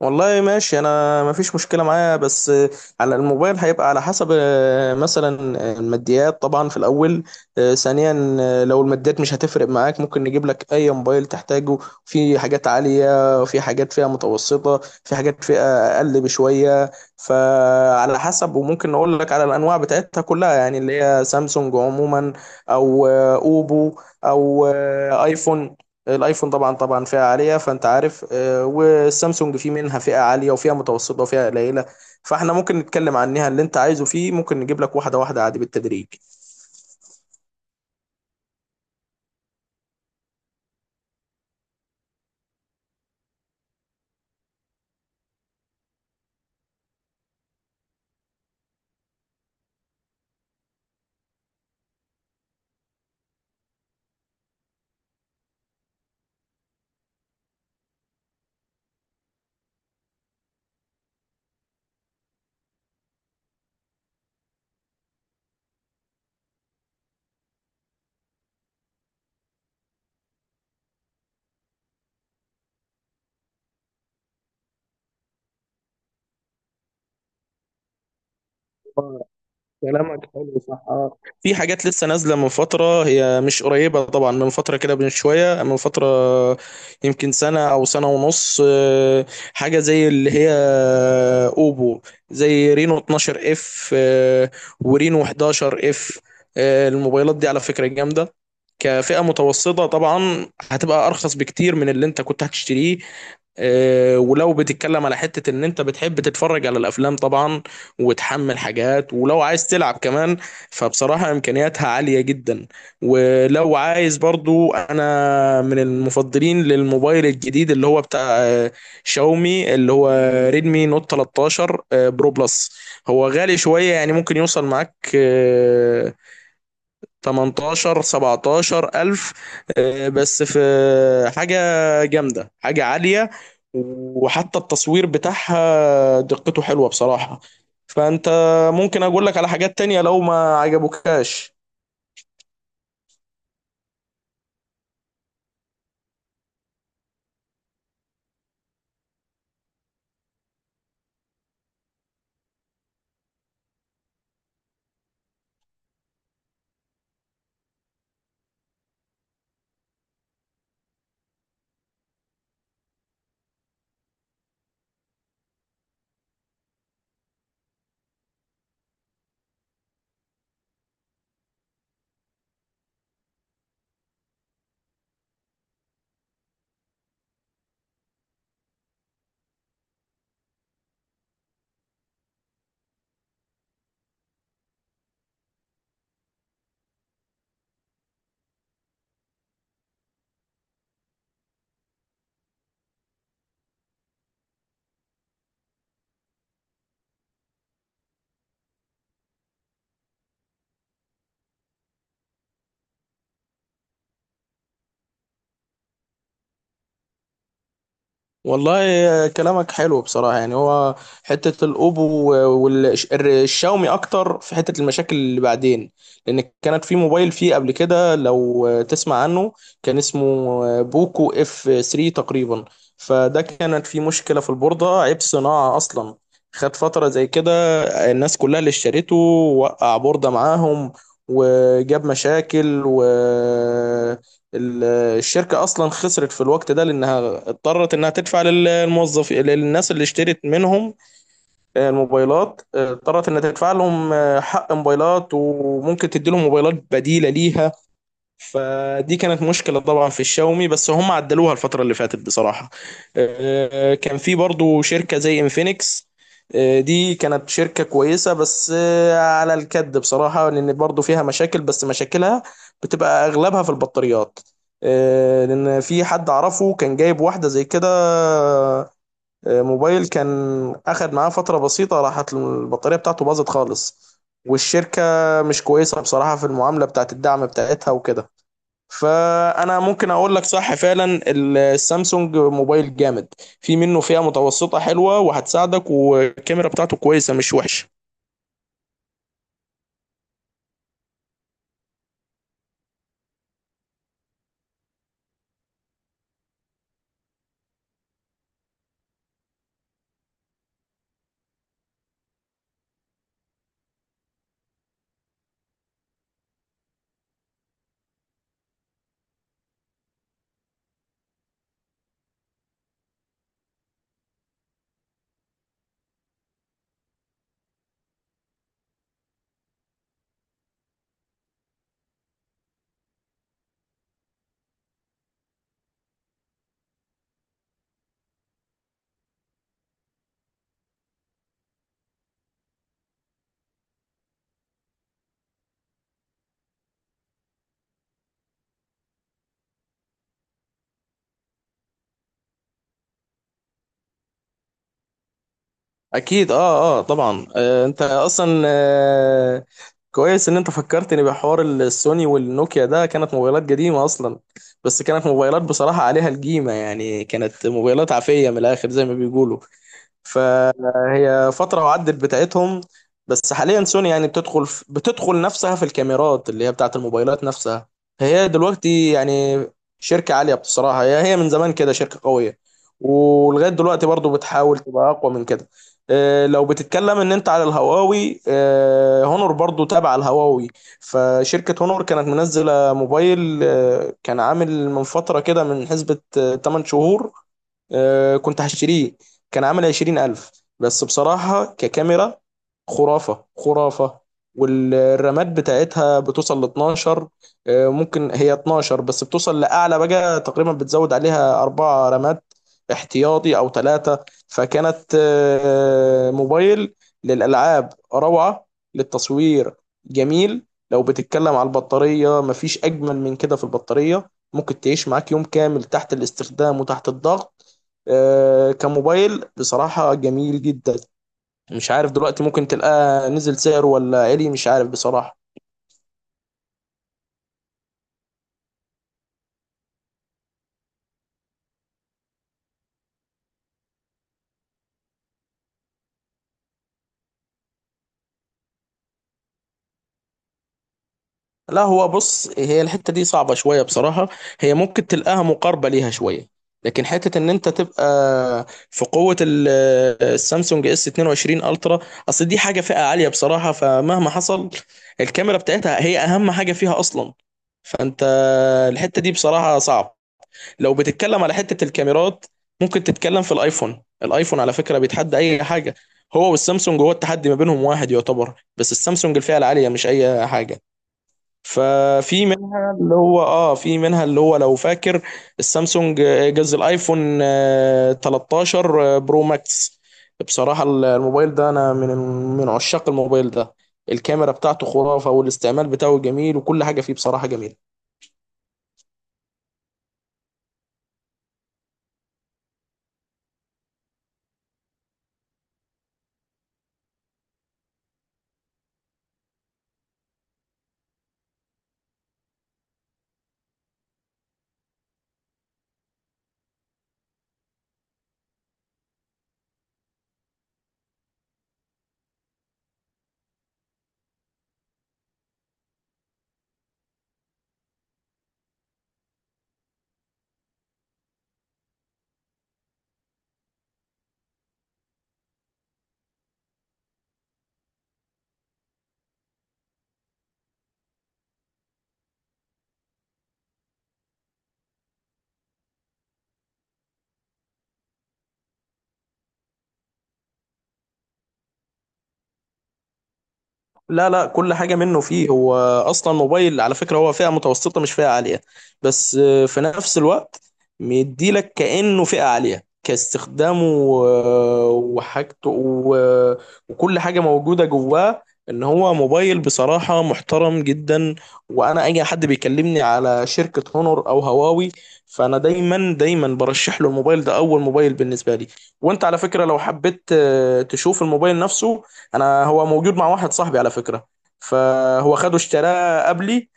والله، ماشي. انا ما فيش مشكله معايا، بس على الموبايل هيبقى على حسب، مثلا الماديات طبعا في الاول. ثانيا، لو الماديات مش هتفرق معاك ممكن نجيب لك اي موبايل تحتاجه. في حاجات عاليه، وفي حاجات فيها متوسطه، في حاجات فيها اقل بشويه. فعلى حسب. وممكن نقول لك على الانواع بتاعتها كلها، يعني اللي هي سامسونج عموما، او اوبو، او ايفون. الايفون طبعا طبعا فئة عالية، فانت عارف. والسامسونج في منها فئة عالية وفئة متوسطة وفئة قليلة. فاحنا ممكن نتكلم عنها، اللي انت عايزه فيه ممكن نجيب لك واحدة واحدة عادي، بالتدريج. كلامك حلو، صح. اه، في حاجات لسه نازله من فتره، هي مش قريبه طبعا، من فتره كده، من شويه، من فتره. يمكن سنه او سنه ونص. حاجه زي اللي هي اوبو، زي رينو 12 اف، ورينو 11 اف. الموبايلات دي على فكره جامده، كفئه متوسطه طبعا. هتبقى ارخص بكتير من اللي انت كنت هتشتريه. ولو بتتكلم على حتة ان انت بتحب تتفرج على الافلام طبعا، وتحمل حاجات، ولو عايز تلعب كمان، فبصراحة امكانياتها عالية جدا. ولو عايز برضو، انا من المفضلين للموبايل الجديد اللي هو بتاع شاومي، اللي هو ريدمي نوت 13 برو بلس. هو غالي شوية، يعني ممكن يوصل معاك 18، 17 ألف. بس في حاجة جامدة، حاجة عالية، وحتى التصوير بتاعها دقته حلوة بصراحة. فأنت ممكن أقول لك على حاجات تانية لو ما عجبوكاش. والله كلامك حلو بصراحة، يعني هو حتة الأوبو والشاومي أكتر في حتة المشاكل اللي بعدين، لأن كانت في موبايل فيه قبل كده، لو تسمع عنه، كان اسمه بوكو اف 3 تقريبا. فده كانت فيه مشكلة في البوردة، عيب صناعة أصلا. خد فترة زي كده، الناس كلها اللي اشترته وقع بوردة معاهم وجاب مشاكل ال- الشركة أصلا خسرت في الوقت ده، لأنها اضطرت إنها تدفع للموظفين، للناس اللي اشترت منهم الموبايلات، اضطرت إنها تدفع لهم حق موبايلات، وممكن تدي لهم موبايلات بديلة ليها. فدي كانت مشكلة طبعا في الشاومي، بس هم عدلوها الفترة اللي فاتت بصراحة. كان في برضو شركة زي انفينكس. دي كانت شركة كويسة، بس على الكد بصراحة، لأن برضو فيها مشاكل، بس مشاكلها بتبقى أغلبها في البطاريات. لأن في حد أعرفه كان جايب واحدة زي كده، موبايل، كان أخد معاه فترة بسيطة راحت البطارية بتاعته باظت خالص. والشركة مش كويسة بصراحة في المعاملة بتاعت الدعم بتاعتها وكده. فانا ممكن اقول لك صح فعلا، السامسونج موبايل جامد، في منه فئة متوسطة حلوة وهتساعدك، والكاميرا بتاعته كويسة مش وحشة. اكيد، اه، اه، طبعا. انت اصلا كويس ان انت فكرتني بحوار السوني والنوكيا، ده كانت موبايلات قديمة اصلا، بس كانت موبايلات بصراحة عليها الجيمة، يعني كانت موبايلات عافية من الاخر زي ما بيقولوا. فهي فترة وعدت بتاعتهم. بس حاليا سوني يعني بتدخل نفسها في الكاميرات اللي هي بتاعت الموبايلات نفسها. هي دلوقتي يعني شركة عالية بصراحة، هي من زمان كده شركة قوية، ولغاية دلوقتي برضو بتحاول تبقى أقوى من كده. لو بتتكلم ان انت على الهواوي، هونور برضو تابع الهواوي. فشركة هونور كانت منزلة موبايل، كان عامل من فترة كده، من حسبة 8 شهور. كنت هشتريه، كان عامل 20 ألف. بس بصراحة ككاميرا خرافة خرافة، والرامات بتاعتها بتوصل ل 12. ممكن هي 12، بس بتوصل لأعلى بقى تقريبا، بتزود عليها 4 رامات احتياطي أو 3. فكانت موبايل للألعاب روعة، للتصوير جميل. لو بتتكلم على البطارية مفيش أجمل من كده، في البطارية ممكن تعيش معاك يوم كامل تحت الاستخدام وتحت الضغط. كموبايل بصراحة جميل جدا. مش عارف دلوقتي، ممكن تلقاه نزل سعره ولا عالي، مش عارف بصراحة. لا، هو بص، هي الحتة دي صعبة شوية بصراحة. هي ممكن تلقاها مقاربة ليها شوية، لكن حتة ان انت تبقى في قوة السامسونج اس 22 الترا، اصل دي حاجة فئة عالية بصراحة، فمهما حصل، الكاميرا بتاعتها هي اهم حاجة فيها اصلا. فانت، الحتة دي بصراحة صعب. لو بتتكلم على حتة الكاميرات، ممكن تتكلم في الايفون. الايفون على فكرة بيتحدى اي حاجة، هو والسامسونج، هو التحدي ما بينهم واحد يعتبر، بس السامسونج الفئة العالية مش اي حاجة. ففي منها اللي هو اه في منها اللي هو، لو فاكر، السامسونج جاز الايفون 13 برو ماكس. بصراحة الموبايل ده انا من عشاق الموبايل ده، الكاميرا بتاعته خرافة، والاستعمال بتاعه جميل، وكل حاجة فيه بصراحة جميلة. لا، لا، كل حاجة منه فيه هو. أصلا موبايل على فكرة هو فئة متوسطة، مش فئة عالية. بس في نفس الوقت مديلك كأنه فئة عالية كاستخدامه، وحاجته وكل حاجة موجودة جواه. إن هو موبايل بصراحة محترم جدا. وأنا أي حد بيكلمني على شركة هونور أو هواوي، فأنا دايما دايما برشح له الموبايل ده، أول موبايل بالنسبة لي. وأنت على فكرة لو حبيت تشوف الموبايل نفسه، انا هو موجود مع واحد صاحبي على فكرة، فهو خده اشتراه قبلي.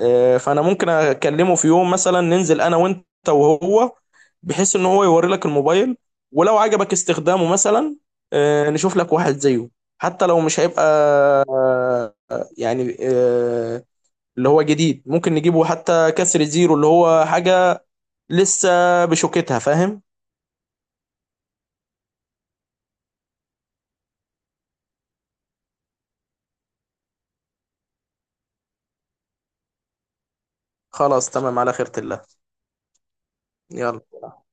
فانا ممكن اكلمه في يوم مثلا، ننزل انا وانت وهو، بحيث ان هو يوري لك الموبايل. ولو عجبك استخدامه مثلا، نشوف لك واحد زيه. حتى لو مش هيبقى آه، يعني اللي هو جديد، ممكن نجيبه حتى كسر زيرو، اللي هو حاجة لسه بشوكتها. فاهم؟ خلاص، تمام. على خيرة الله. يلا.